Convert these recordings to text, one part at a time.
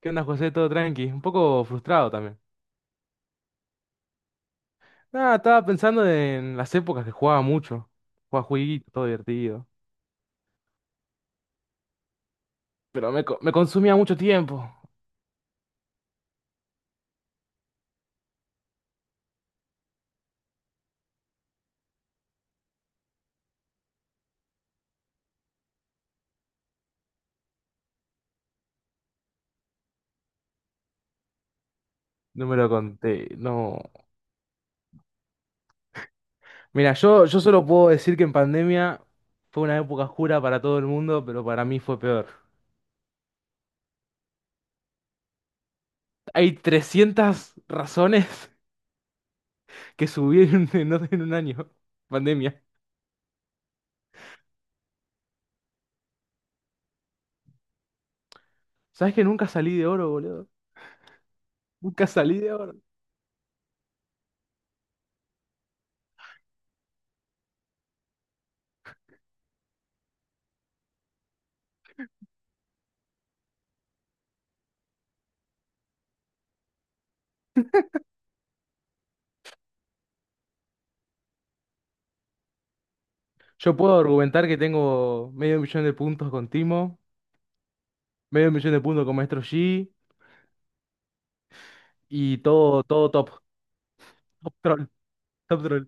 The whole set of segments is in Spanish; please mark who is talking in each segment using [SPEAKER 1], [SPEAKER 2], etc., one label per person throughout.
[SPEAKER 1] ¿Qué onda, José? Todo tranqui. Un poco frustrado también. Nada, estaba pensando en las épocas que jugaba mucho. Jugaba jueguito, todo divertido. Pero me consumía mucho tiempo. No me lo conté, no. Mira, yo solo puedo decir que en pandemia fue una época oscura para todo el mundo, pero para mí fue peor. Hay 300 razones que subí en un año. Pandemia. ¿Sabes que nunca salí de oro, boludo? Nunca salí de oro. Yo puedo argumentar que tengo 500.000 de puntos con Timo. 500.000 de puntos con Maestro Yi y todo top. Top troll, Top troll.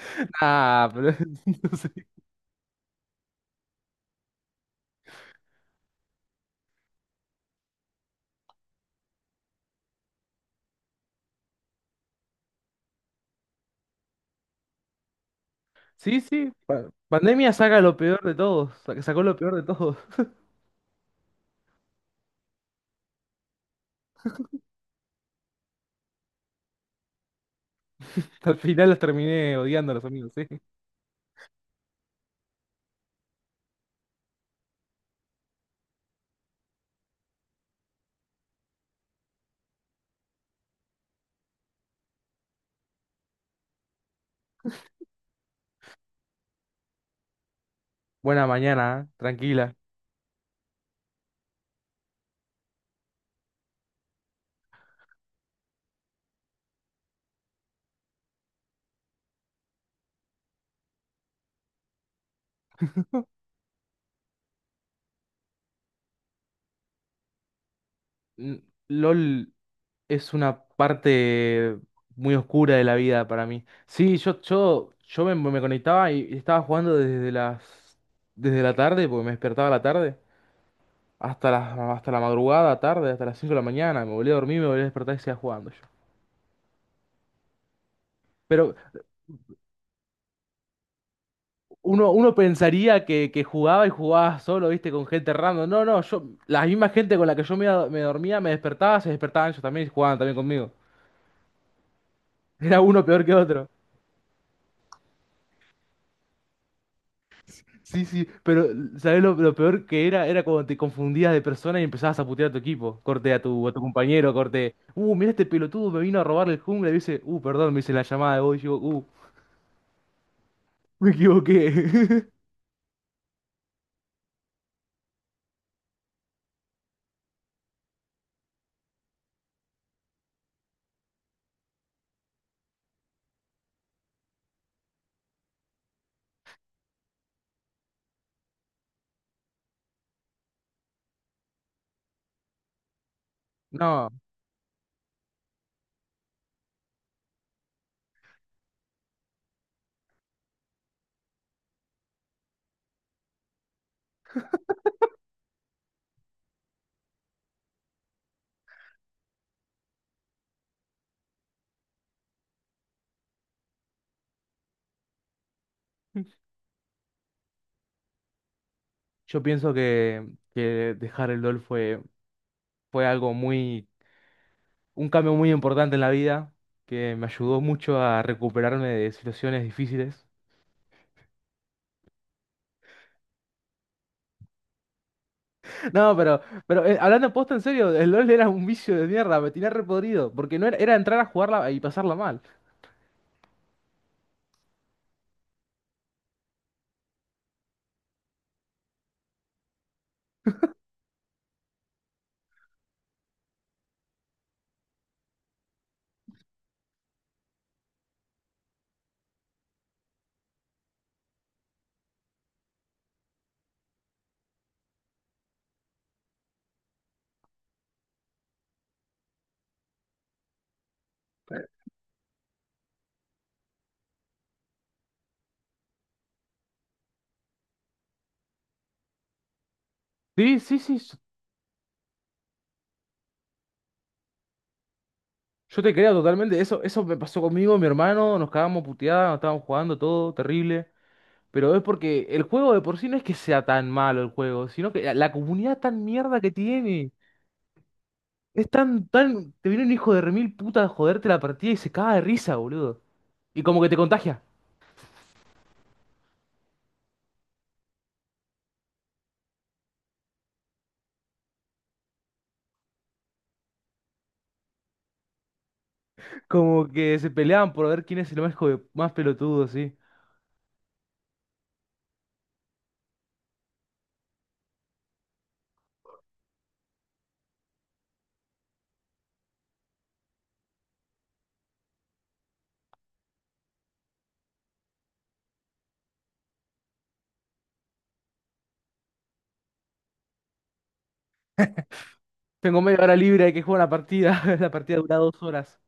[SPEAKER 1] Ah, pero- no sé. Sí, sí. Pandemia saca lo peor de todos. Sacó lo peor de todos. Al final los terminé odiando a los amigos, sí. Buena mañana, ¿eh? Tranquila. N- LOL es una parte muy oscura de la vida para mí. Sí, me conectaba y estaba jugando desde la tarde, porque me despertaba a la tarde, hasta la madrugada, tarde, hasta las 5 de la mañana. Me volví a dormir, me volví a despertar y seguía jugando yo. Pero uno pensaría que jugaba y jugaba solo, viste, con gente random. No, no, yo, la misma gente con la que me dormía, me despertaba, se despertaban ellos también y jugaban también conmigo. Era uno peor que otro. Sí, sí, pero ¿sabés lo peor que era? Era cuando te confundías de persona y empezabas a putear a tu equipo. Corte a tu compañero, corte. Mira este pelotudo me vino a robar el jungla y dice, perdón, me hice la llamada de vos y digo, me equivoqué. No. Yo pienso que dejar el LOL fue, fue algo muy, un cambio muy importante en la vida, que me ayudó mucho a recuperarme de situaciones difíciles. No, pero hablando posta en serio, el LOL era un vicio de mierda, me tenía repodrido, porque no era, era entrar a jugarla y pasarla mal. Sí, sí, sí, s- yo te creo totalmente, eso me pasó conmigo, mi hermano, nos cagábamos puteadas, nos estábamos jugando todo, terrible. Pero es porque el juego de por sí no es que sea tan malo el juego, sino que la comunidad tan mierda que tiene. Es tan, tan. Te viene un hijo de remil puta a joderte la partida y se caga de risa, boludo. Y como que te contagia. Como que se peleaban por ver quién es el más, más pelotudo, sí. Tengo media hora libre, hay que jugar la partida. La partida dura 2 horas.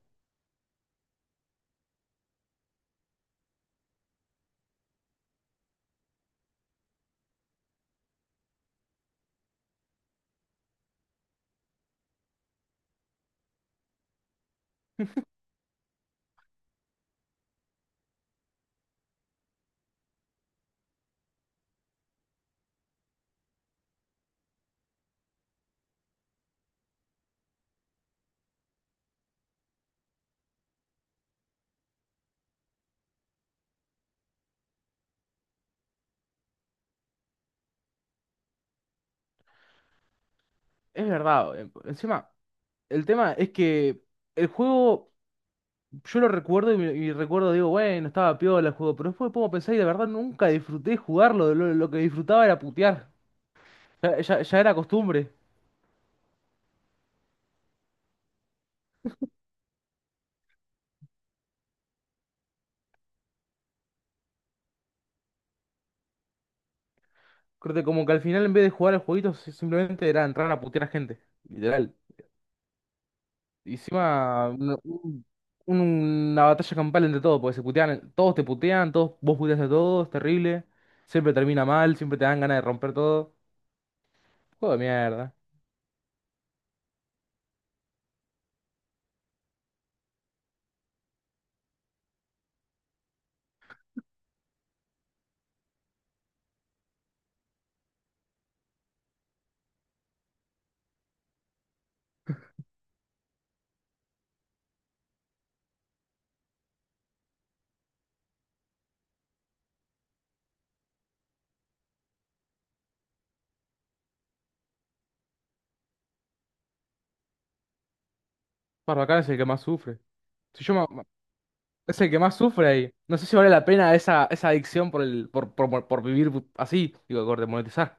[SPEAKER 1] Es verdad. Encima, el tema es que el juego, yo lo recuerdo y, y recuerdo, digo, bueno, estaba piola el juego, pero después me pongo a pensar y de verdad nunca disfruté jugarlo. Lo que disfrutaba era putear. Ya era costumbre. Creo que como que al final en vez de jugar el jueguito simplemente era entrar a putear a gente, literal. Y encima una batalla campal entre todos, porque se putean, todos te putean, todos, vos puteas a todos, terrible. Siempre termina mal, siempre te dan ganas de romper todo. Juego de mierda. Barbacana es el que más sufre. Si yo ma- Es el que más sufre ahí. No sé si vale la pena esa, esa adicción por el, por vivir así, digo, por monetizar.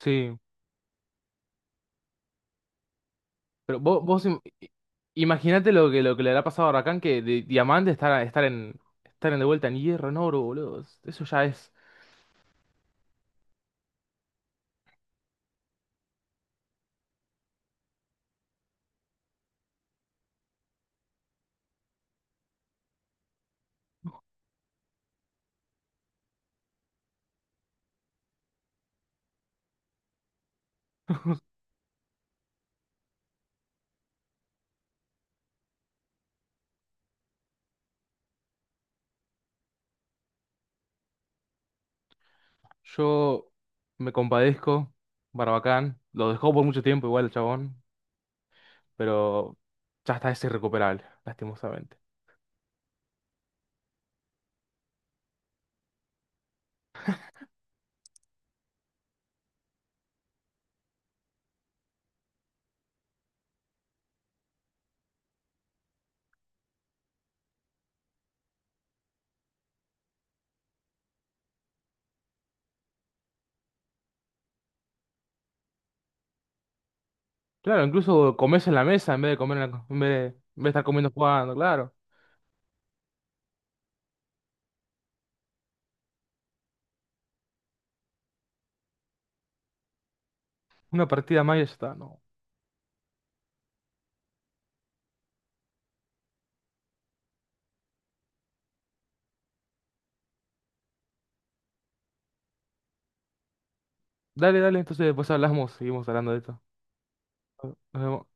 [SPEAKER 1] Sí. Pero imagínate lo que le habrá pasado a Rakan que de diamante estar en de vuelta en hierro, en oro, boludo. Eso ya es. Yo me compadezco, Barbacán. Lo dejó por mucho tiempo igual el chabón, pero ya está, es irrecuperable, lastimosamente. Claro, incluso comes en la mesa en vez en vez de estar comiendo jugando, claro. Una partida más y ya está, no. Dale, dale, entonces después hablamos, seguimos hablando de esto. Nos vemos.